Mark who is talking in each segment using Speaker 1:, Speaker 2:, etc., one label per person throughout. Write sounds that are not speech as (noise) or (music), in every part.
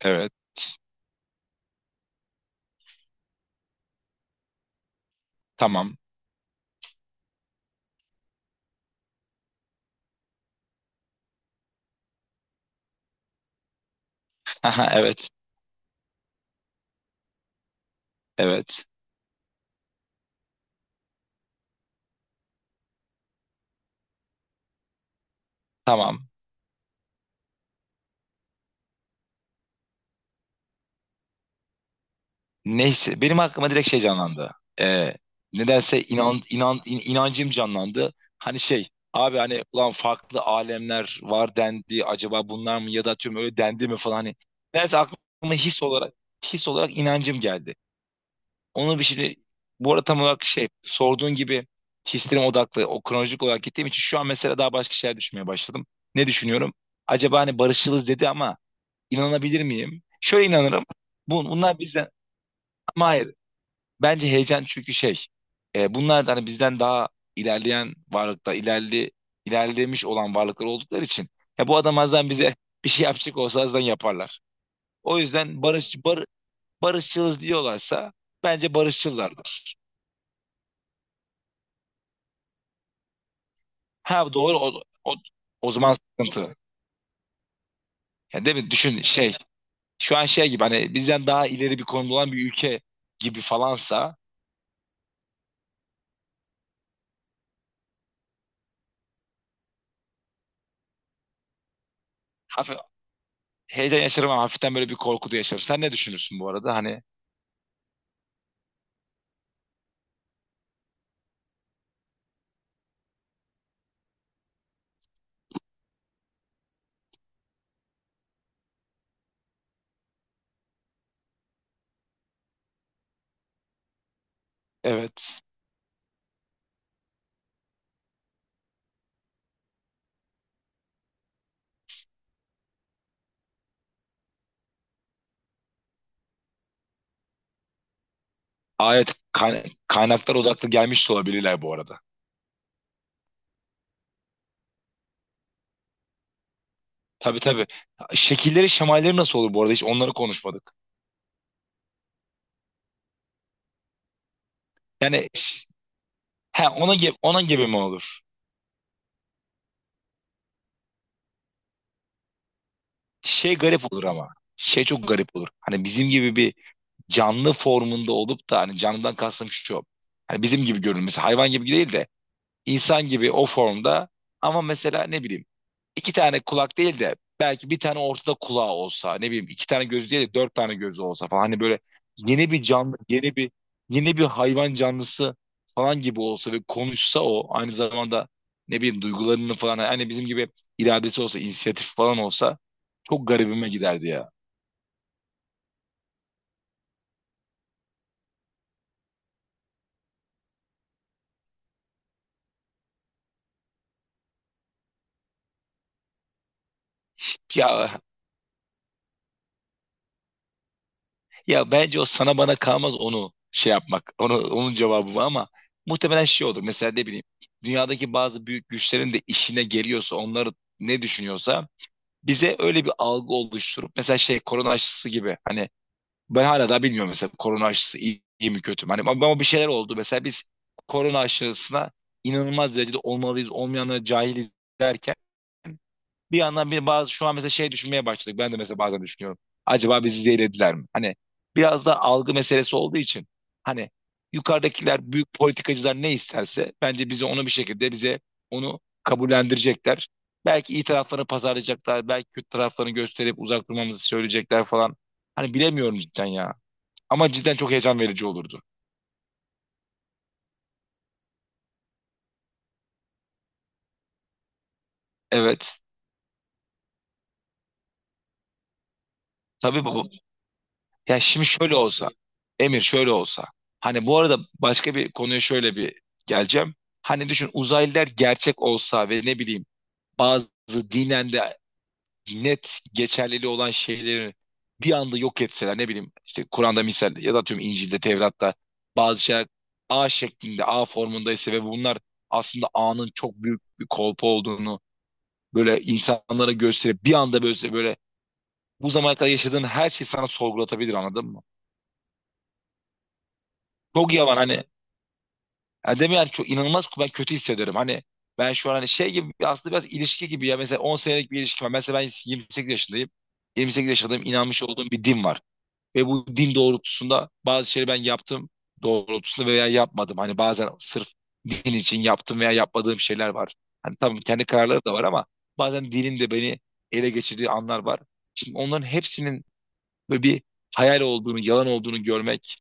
Speaker 1: Evet. Tamam. (laughs) Aha, evet. Evet. Tamam. Neyse. Benim aklıma direkt şey canlandı. Ee, nedense inancım canlandı. Hani şey. Abi hani ulan farklı alemler var dendi. Acaba bunlar mı ya da tüm öyle dendi mi falan. Hani, nedense aklıma his olarak inancım geldi. Onu bir şey, bu arada tam olarak şey sorduğun gibi hislerim odaklı o kronolojik olarak gittiğim için şu an mesela daha başka şeyler düşünmeye başladım. Ne düşünüyorum? Acaba hani barışçılız dedi ama İnanabilir miyim? Şöyle inanırım. Bunlar bizden, ama hayır. Bence heyecan, çünkü şey. Bunlar da hani bizden daha ilerleyen varlıkta ilerli ilerlemiş olan varlıklar oldukları için, ya bu adam azdan bize bir şey yapacak olsa azdan yaparlar. O yüzden barışçılız diyorlarsa bence barışçılardır. Ha doğru, o zaman sıkıntı. Yani değil mi? Düşün şey, şu an şey gibi, hani bizden daha ileri bir konumda olan bir ülke gibi falansa, hafif heyecan yaşarım ama hafiften böyle bir korku da yaşarım. Sen ne düşünürsün bu arada? Hani. Evet. Ayet kaynaklara odaklı gelmiş de olabilirler bu arada. Tabii, tabii. Şekilleri, şemalleri nasıl olur bu arada? Hiç onları konuşmadık. Yani he, ona gibi mi olur? Şey garip olur ama. Şey çok garip olur. Hani bizim gibi bir canlı formunda olup da, hani canlıdan kastım şu. Hani bizim gibi görünmesi, hayvan gibi değil de insan gibi o formda, ama mesela ne bileyim iki tane kulak değil de belki bir tane ortada kulağı olsa, ne bileyim iki tane gözü değil de dört tane gözü olsa falan, hani böyle yeni bir canlı, yeni bir hayvan canlısı falan gibi olsa ve konuşsa, o aynı zamanda ne bileyim duygularını falan hani bizim gibi, iradesi olsa, inisiyatif falan olsa, çok garibime giderdi ya. Ya ya bence o sana bana kalmaz, onu şey yapmak. Onun cevabı bu, ama muhtemelen şey olur. Mesela ne bileyim dünyadaki bazı büyük güçlerin de işine geliyorsa, onları ne düşünüyorsa bize öyle bir algı oluşturup, mesela şey korona aşısı gibi, hani ben hala daha bilmiyorum mesela korona aşısı iyi mi kötü mü, hani ama bir şeyler oldu. Mesela biz korona aşısına inanılmaz derecede olmalıyız, olmayanlara cahiliz derken, bir yandan bir bazı şu an mesela şey düşünmeye başladık. Ben de mesela bazen düşünüyorum. Acaba bizi zehirlediler mi? Hani biraz da algı meselesi olduğu için, hani yukarıdakiler, büyük politikacılar ne isterse bence bize onu bir şekilde, bize onu kabullendirecekler. Belki iyi taraflarını pazarlayacaklar. Belki kötü taraflarını gösterip uzak durmamızı söyleyecekler falan. Hani bilemiyorum cidden ya. Ama cidden çok heyecan verici olurdu. Evet. Tabii bu, ya şimdi şöyle olsa, Emir şöyle olsa. Hani bu arada başka bir konuya şöyle bir geleceğim. Hani düşün, uzaylılar gerçek olsa ve ne bileyim bazı dinen de net geçerliliği olan şeyleri bir anda yok etseler, ne bileyim işte Kur'an'da misal ya da tüm İncil'de, Tevrat'ta bazı şeyler A şeklinde, A formundaysa ve bunlar aslında A'nın çok büyük bir kolpa olduğunu böyle insanlara gösterip, bir anda böyle böyle bu zamana kadar yaşadığın her şeyi sana sorgulatabilir, anladın mı? Çok yavan hani. Yani değil mi, yani çok inanılmaz, ben kötü hissederim. Hani ben şu an hani şey gibi, aslında biraz ilişki gibi ya, mesela 10 senelik bir ilişki var. Mesela ben 28 yaşındayım. 28 yaşındayım, inanmış olduğum bir din var. Ve bu din doğrultusunda bazı şeyleri ben yaptım doğrultusunda veya yapmadım. Hani bazen sırf din için yaptım veya yapmadığım şeyler var. Hani tamam, kendi kararları da var, ama bazen dinin de beni ele geçirdiği anlar var. Şimdi onların hepsinin böyle bir hayal olduğunu, yalan olduğunu görmek,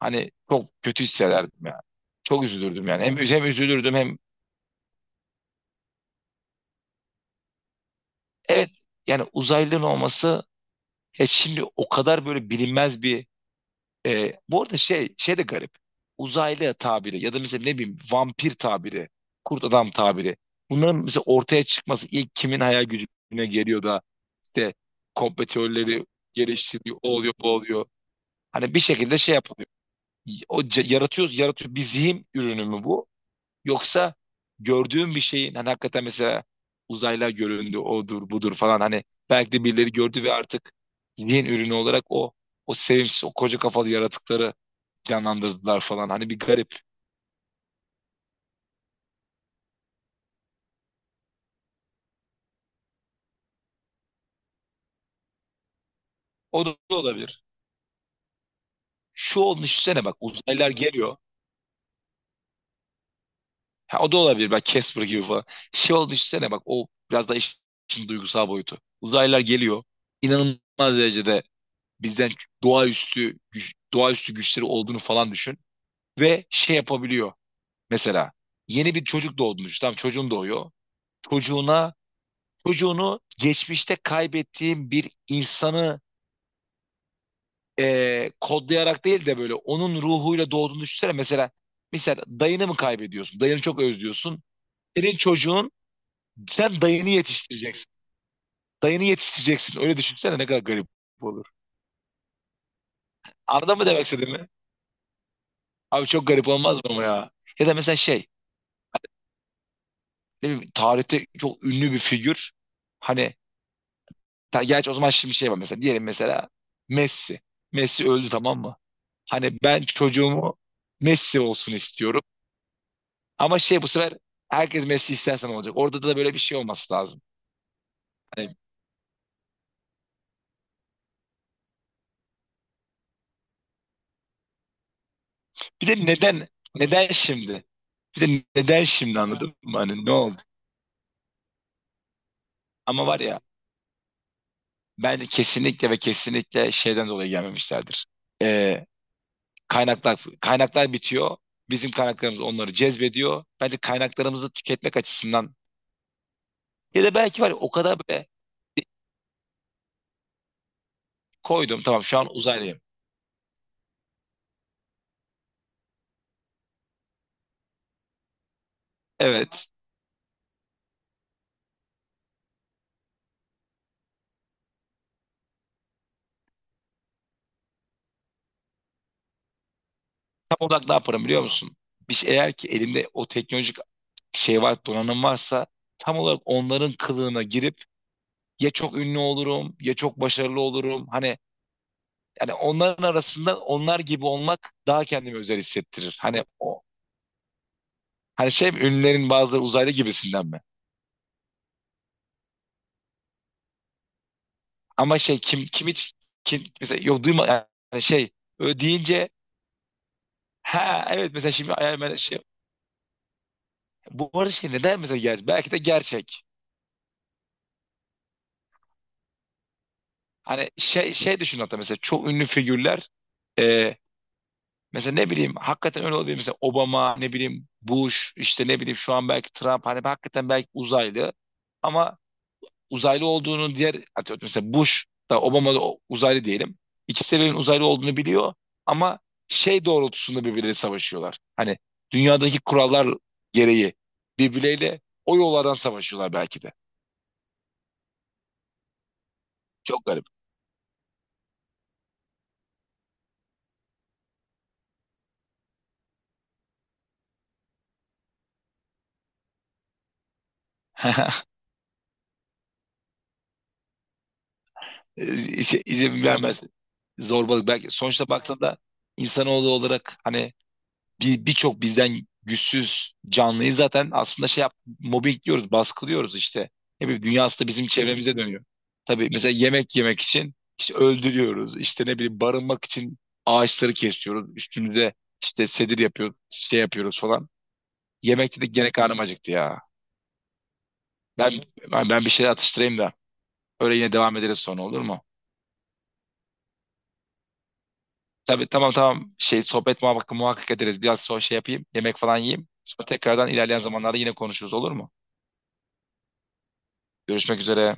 Speaker 1: hani çok kötü hissederdim yani. Çok üzülürdüm yani. Hem, hem üzülürdüm, hem evet yani uzaylının olması, ya şimdi o kadar böyle bilinmez bir, bu arada şey de garip. Uzaylı tabiri ya da mesela ne bileyim vampir tabiri, kurt adam tabiri. Bunların mesela ortaya çıkması, ilk kimin hayal gücüne geliyor da işte kompetörleri geliştiriyor, o oluyor, bu oluyor. Hani bir şekilde şey yapılıyor. Yaratıyoruz, yaratıyor. Bir zihin ürünü mü bu? Yoksa gördüğün bir şeyin, hani hakikaten mesela uzaylar göründü, odur budur falan, hani belki de birileri gördü ve artık zihin ürünü olarak o sevimsiz, o koca kafalı yaratıkları canlandırdılar falan. Hani bir garip. O da olabilir. Şu olmuş düşünsene bak, uzaylılar geliyor. Ha, o da olabilir bak, Casper gibi falan. Şey olmuş düşünsene bak, o biraz da işin duygusal boyutu. Uzaylılar geliyor. İnanılmaz derecede bizden doğaüstü güçleri olduğunu falan düşün. Ve şey yapabiliyor. Mesela yeni bir çocuk doğdu. Tam çocuğun doğuyor. Çocuğuna çocuğunu geçmişte kaybettiğim bir insanı, kodlayarak değil de böyle onun ruhuyla doğduğunu düşünsene. Mesela dayını mı kaybediyorsun? Dayını çok özlüyorsun. Senin çocuğun, sen dayını yetiştireceksin. Dayını yetiştireceksin. Öyle düşünsene, ne kadar garip olur. Anladın mı demek istediğimi? Abi çok garip olmaz mı ama ya? Ya da mesela şey, ne bileyim, tarihte çok ünlü bir figür. Hani gerçi o zaman şimdi şey var, mesela diyelim mesela Messi. Messi öldü, tamam mı? Hani ben çocuğumu Messi olsun istiyorum. Ama şey, bu sefer herkes Messi istersen olacak. Orada da böyle bir şey olması lazım. Hani bir de neden şimdi? Bir de neden şimdi, anladın mı? Hani ne oldu? Ama var ya, bence kesinlikle ve kesinlikle şeyden dolayı gelmemişlerdir. Ee, kaynaklar bitiyor. Bizim kaynaklarımız onları cezbediyor. Bence kaynaklarımızı tüketmek açısından, ya da belki var ya, o kadar böyle. Koydum, tamam, şu an uzaylıyım. Evet. Tam olarak ne yaparım, biliyor musun? Bir şey, eğer ki elimde o teknolojik şey var, donanım varsa, tam olarak onların kılığına girip ya çok ünlü olurum ya çok başarılı olurum. Hani yani onların arasında onlar gibi olmak, daha kendimi özel hissettirir. Hani o, hani şey mi, ünlülerin bazıları uzaylı gibisinden mi? Ama şey, kim kim hiç kim mesela, yok duyma, yani şey, öyle deyince ha evet, mesela şimdi ben şey, bu arada şey, neden mesela belki de gerçek. Hani şey düşün, hatta mesela çok ünlü figürler, e, mesela ne bileyim hakikaten öyle olabilir. Mesela Obama, ne bileyim Bush, işte ne bileyim şu an belki Trump, hani hakikaten belki uzaylı, ama uzaylı olduğunu diğer atıyorum mesela Bush da Obama da uzaylı diyelim. İkisi de birbirinin uzaylı olduğunu biliyor, ama şey doğrultusunda birbirleriyle savaşıyorlar. Hani dünyadaki kurallar gereği birbirleriyle o yollardan savaşıyorlar belki de. Çok garip. (laughs) Şey, izin vermez. Zorbalık. Belki sonuçta baktığında insanoğlu olarak, hani birçok bizden güçsüz canlıyı zaten aslında şey yap, mobbing diyoruz, baskılıyoruz işte. Ne bileyim dünyası da bizim çevremize dönüyor. Tabii mesela yemek yemek için işte öldürüyoruz. İşte ne bileyim barınmak için ağaçları kesiyoruz. Üstümüze işte sedir yapıyoruz, şey yapıyoruz falan. Yemekte de gene karnım acıktı ya. Ben, ben bir şeyler atıştırayım da öyle yine devam ederiz sonra, olur mu? Tabii, tamam, tamam. Şey sohbet muhakkak muhakkak ederiz. Biraz sonra şey yapayım. Yemek falan yiyeyim. Sonra tekrardan ilerleyen zamanlarda yine konuşuruz, olur mu? Görüşmek üzere.